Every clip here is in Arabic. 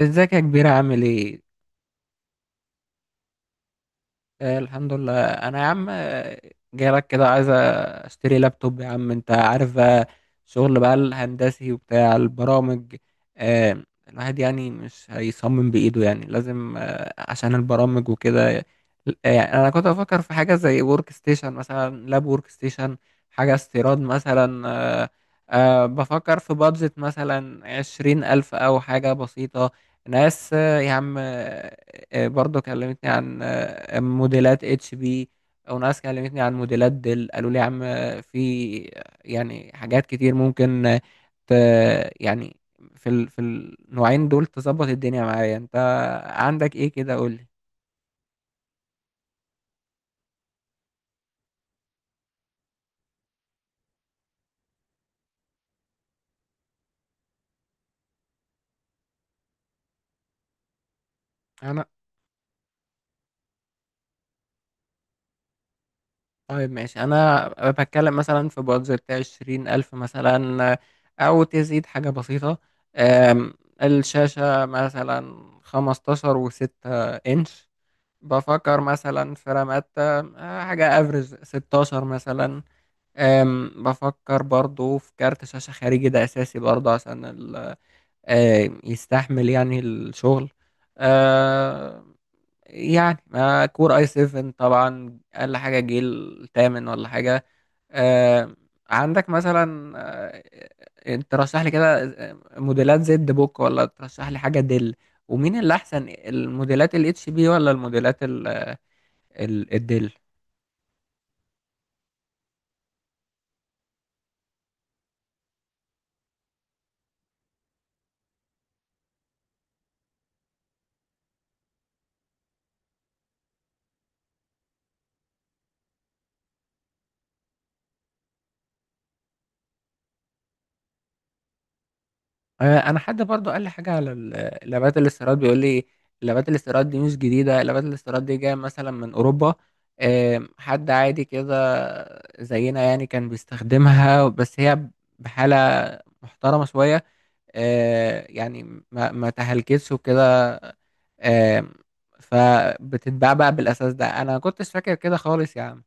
ازيك يا كبير، عامل ايه؟ الحمد لله. انا يا عم جاي لك كده، عايز اشتري لابتوب. يا عم انت عارف بقى، شغل بقى الهندسي وبتاع البرامج. آه الواحد يعني مش هيصمم بايده، يعني لازم عشان البرامج وكده. يعني انا كنت بفكر في حاجة زي ورك ستيشن، مثلا لاب ورك ستيشن، حاجة استيراد مثلا. آه بفكر في بادجت مثلا 20,000 أو حاجة بسيطة. ناس يا عم. برضه كلمتني عن موديلات اتش بي، وناس كلمتني عن موديلات ديل، قالوا لي يا عم في يعني حاجات كتير ممكن ت يعني في النوعين دول تظبط الدنيا معايا. انت عندك ايه كده؟ قول لي. انا طيب، ماشي. انا بتكلم مثلا في بادجت 20,000 مثلا، او تزيد حاجة بسيطة. أم، الشاشة مثلا 15.6 انش. بفكر مثلا في راماتا، حاجة افرز 16 مثلا. بفكر برضو في كارت شاشة خارجي، ده اساسي برضو عشان يستحمل يعني الشغل آه، يعني ما كور اي 7 طبعا، اقل حاجة جيل تامن ولا حاجة آه، عندك مثلا ترشح لي كده موديلات زد بوك، ولا ترشح لي حاجة دل؟ ومين اللي احسن، الموديلات الاتش بي ولا الموديلات الدل؟ انا حد برضو قال لي حاجه على لابات الاستيراد، بيقول لي لابات الاستيراد دي مش جديده، لابات الاستيراد دي جايه مثلا من اوروبا. حد عادي كده زينا، يعني كان بيستخدمها، بس هي بحاله محترمه شويه. يعني ما تهلكتش وكده. آم، فبتتباع بقى بالاساس. ده انا كنتش فاكر كده خالص يا عم.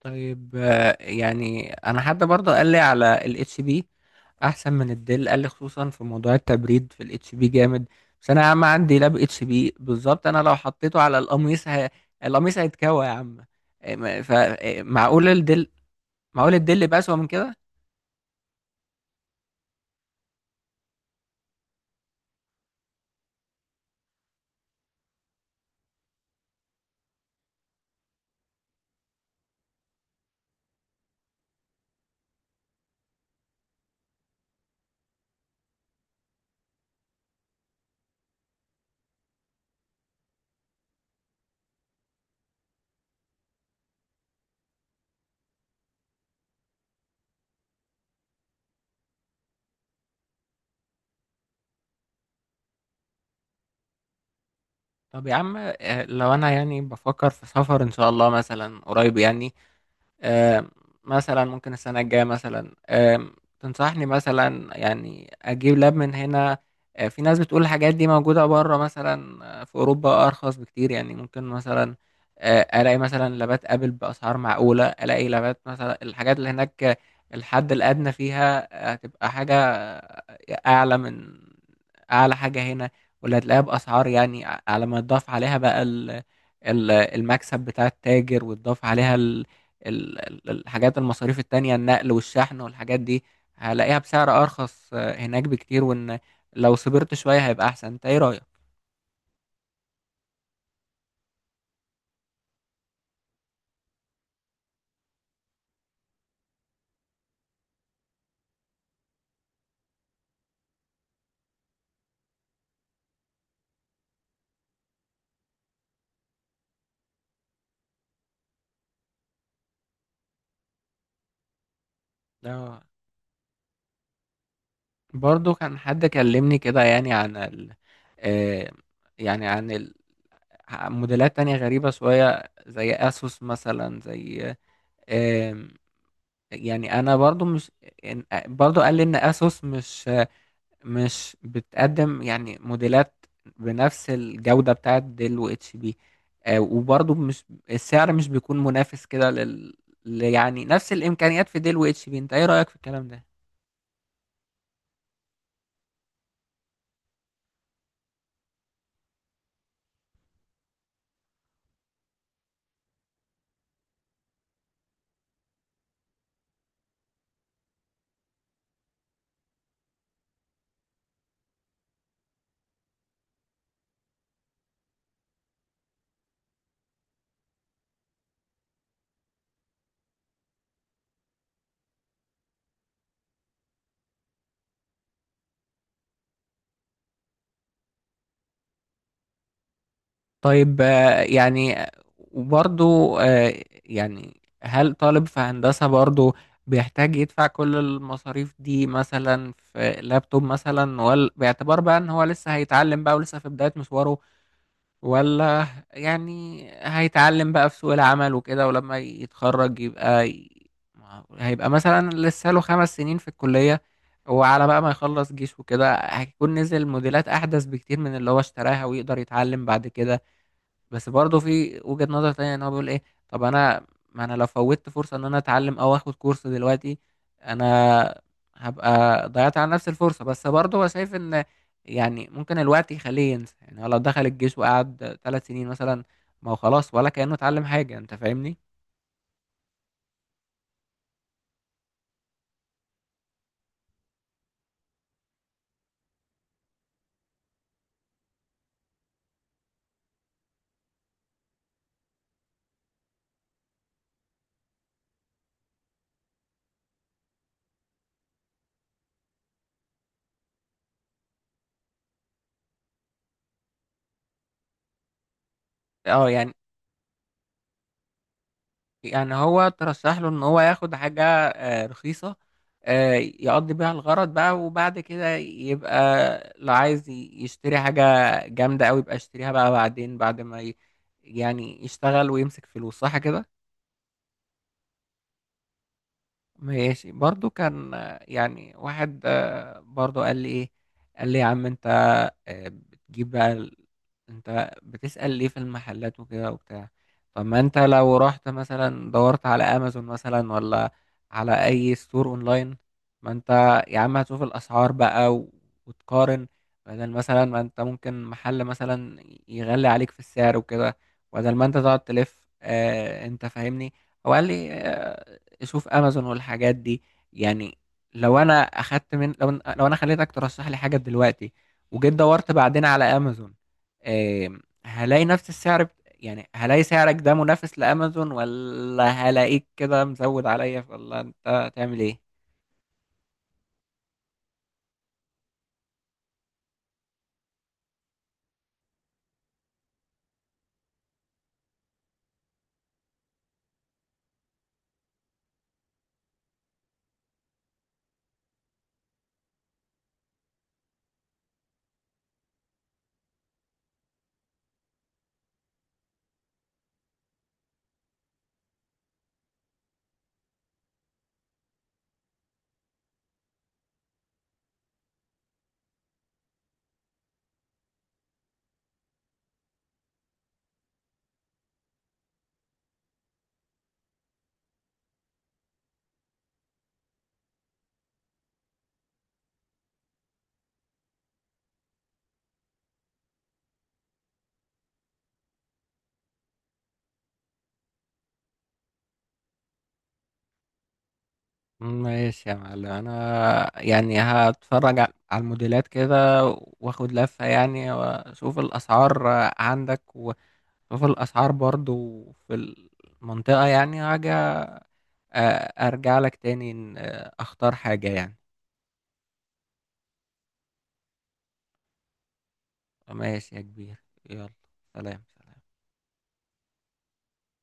طيب، يعني انا حد برضه قال لي على الاتش بي احسن من الديل، قال لي خصوصا في موضوع التبريد في الاتش بي جامد. بس انا يا عم عندي لاب اتش بي بالظبط، انا لو حطيته على القميص القميص هيتكوى يا عم. إيه، ما- ف إيه، معقول الديل، معقول الديل يبقى اسوأ من كده؟ طب يا عم، لو انا يعني بفكر في سفر ان شاء الله مثلا قريب، يعني آم، مثلا ممكن السنة الجاية مثلا، تنصحني مثلا يعني أجيب لاب من هنا؟ في ناس بتقول الحاجات دي موجودة بره مثلا، في أوروبا أرخص بكتير. يعني ممكن مثلا ألاقي مثلا لابات أبل بأسعار معقولة، ألاقي لابات مثلا الحاجات اللي هناك، الحد الأدنى فيها، هتبقى حاجة، أعلى من أعلى حاجة هنا. واللي هتلاقيها بأسعار، يعني على ما تضاف عليها بقى المكسب بتاع التاجر، وتضاف عليها الحاجات، المصاريف التانية، النقل والشحن والحاجات دي، هلاقيها بسعر أرخص، هناك بكتير. وإن لو صبرت شوية هيبقى أحسن. أنت إيه رأيك؟ اه. برضو كان حد كلمني كده، يعني عن آه، يعني عن موديلات تانية غريبة شوية زي أسوس مثلا، زي آم، يعني أنا برضو مش، برضو قال لي إن أسوس مش بتقدم يعني موديلات بنفس الجودة بتاعت ديل و اتش بي، وبرضه مش، السعر مش بيكون منافس كده يعني نفس الإمكانيات في ديل و اتش بي. انت ايه رأيك في الكلام ده؟ طيب، يعني، وبرضه، يعني هل طالب في هندسة برضه بيحتاج يدفع كل المصاريف دي مثلا في لابتوب مثلا، ولا باعتبار بقى ان هو لسه هيتعلم بقى ولسه في بداية مشواره، ولا يعني هيتعلم بقى في سوق العمل وكده، ولما يتخرج يبقى هيبقى مثلا لسه له 5 سنين في الكلية، وعلى بقى ما يخلص جيش وكده هيكون نزل موديلات أحدث بكتير من اللي هو اشتراها، ويقدر يتعلم بعد كده. بس برضه في وجهة نظر تانية ان هو بيقول ايه، طب انا، ما انا لو فوتت فرصة ان انا اتعلم او اخد كورس دلوقتي، انا هبقى ضيعت على نفس الفرصة. بس برضه هو شايف ان يعني ممكن الوقت يخليه ينسى. يعني هو لو دخل الجيش وقعد 3 سنين مثلا، ما هو خلاص ولا كأنه اتعلم حاجة. انت فاهمني؟ اه يعني. هو ترشح له ان هو ياخد حاجة، رخيصة، يقضي بيها الغرض بقى، وبعد كده يبقى لو عايز يشتري حاجة جامدة أوي، يبقى يشتريها بقى بعدين، بعد ما يعني يشتغل ويمسك فلوس. صح كده؟ ماشي. برضو كان، يعني واحد، برضو قال لي ايه، قال لي يا عم انت، بتجيب بقى انت بتسأل ليه في المحلات وكده وبتاع؟ طب ما انت لو رحت مثلا، دورت على امازون مثلا، ولا على اي ستور اونلاين، ما انت يا عم هتشوف الاسعار بقى وتقارن، بدل مثلا ما انت ممكن محل مثلا يغلي عليك في السعر وكده، بدل ما انت تقعد تلف، انت فاهمني. هو قال لي، تشوف امازون والحاجات دي. يعني لو انا اخدت من لو لو انا خليتك ترشح لي حاجه دلوقتي، وجيت دورت بعدين على امازون آم، هلاقي نفس السعر يعني هلاقي سعرك ده منافس لامازون، ولا هلاقيك كده مزود عليا، ولا انت هتعمل ايه؟ ماشي يا معلم، انا يعني هتفرج على الموديلات كده، واخد لفة يعني، واشوف الاسعار عندك، واشوف الاسعار برضو في المنطقة، يعني هاجي، ارجع لك تاني. اختار حاجة يعني. ماشي يا كبير. يلا. سلام سلام.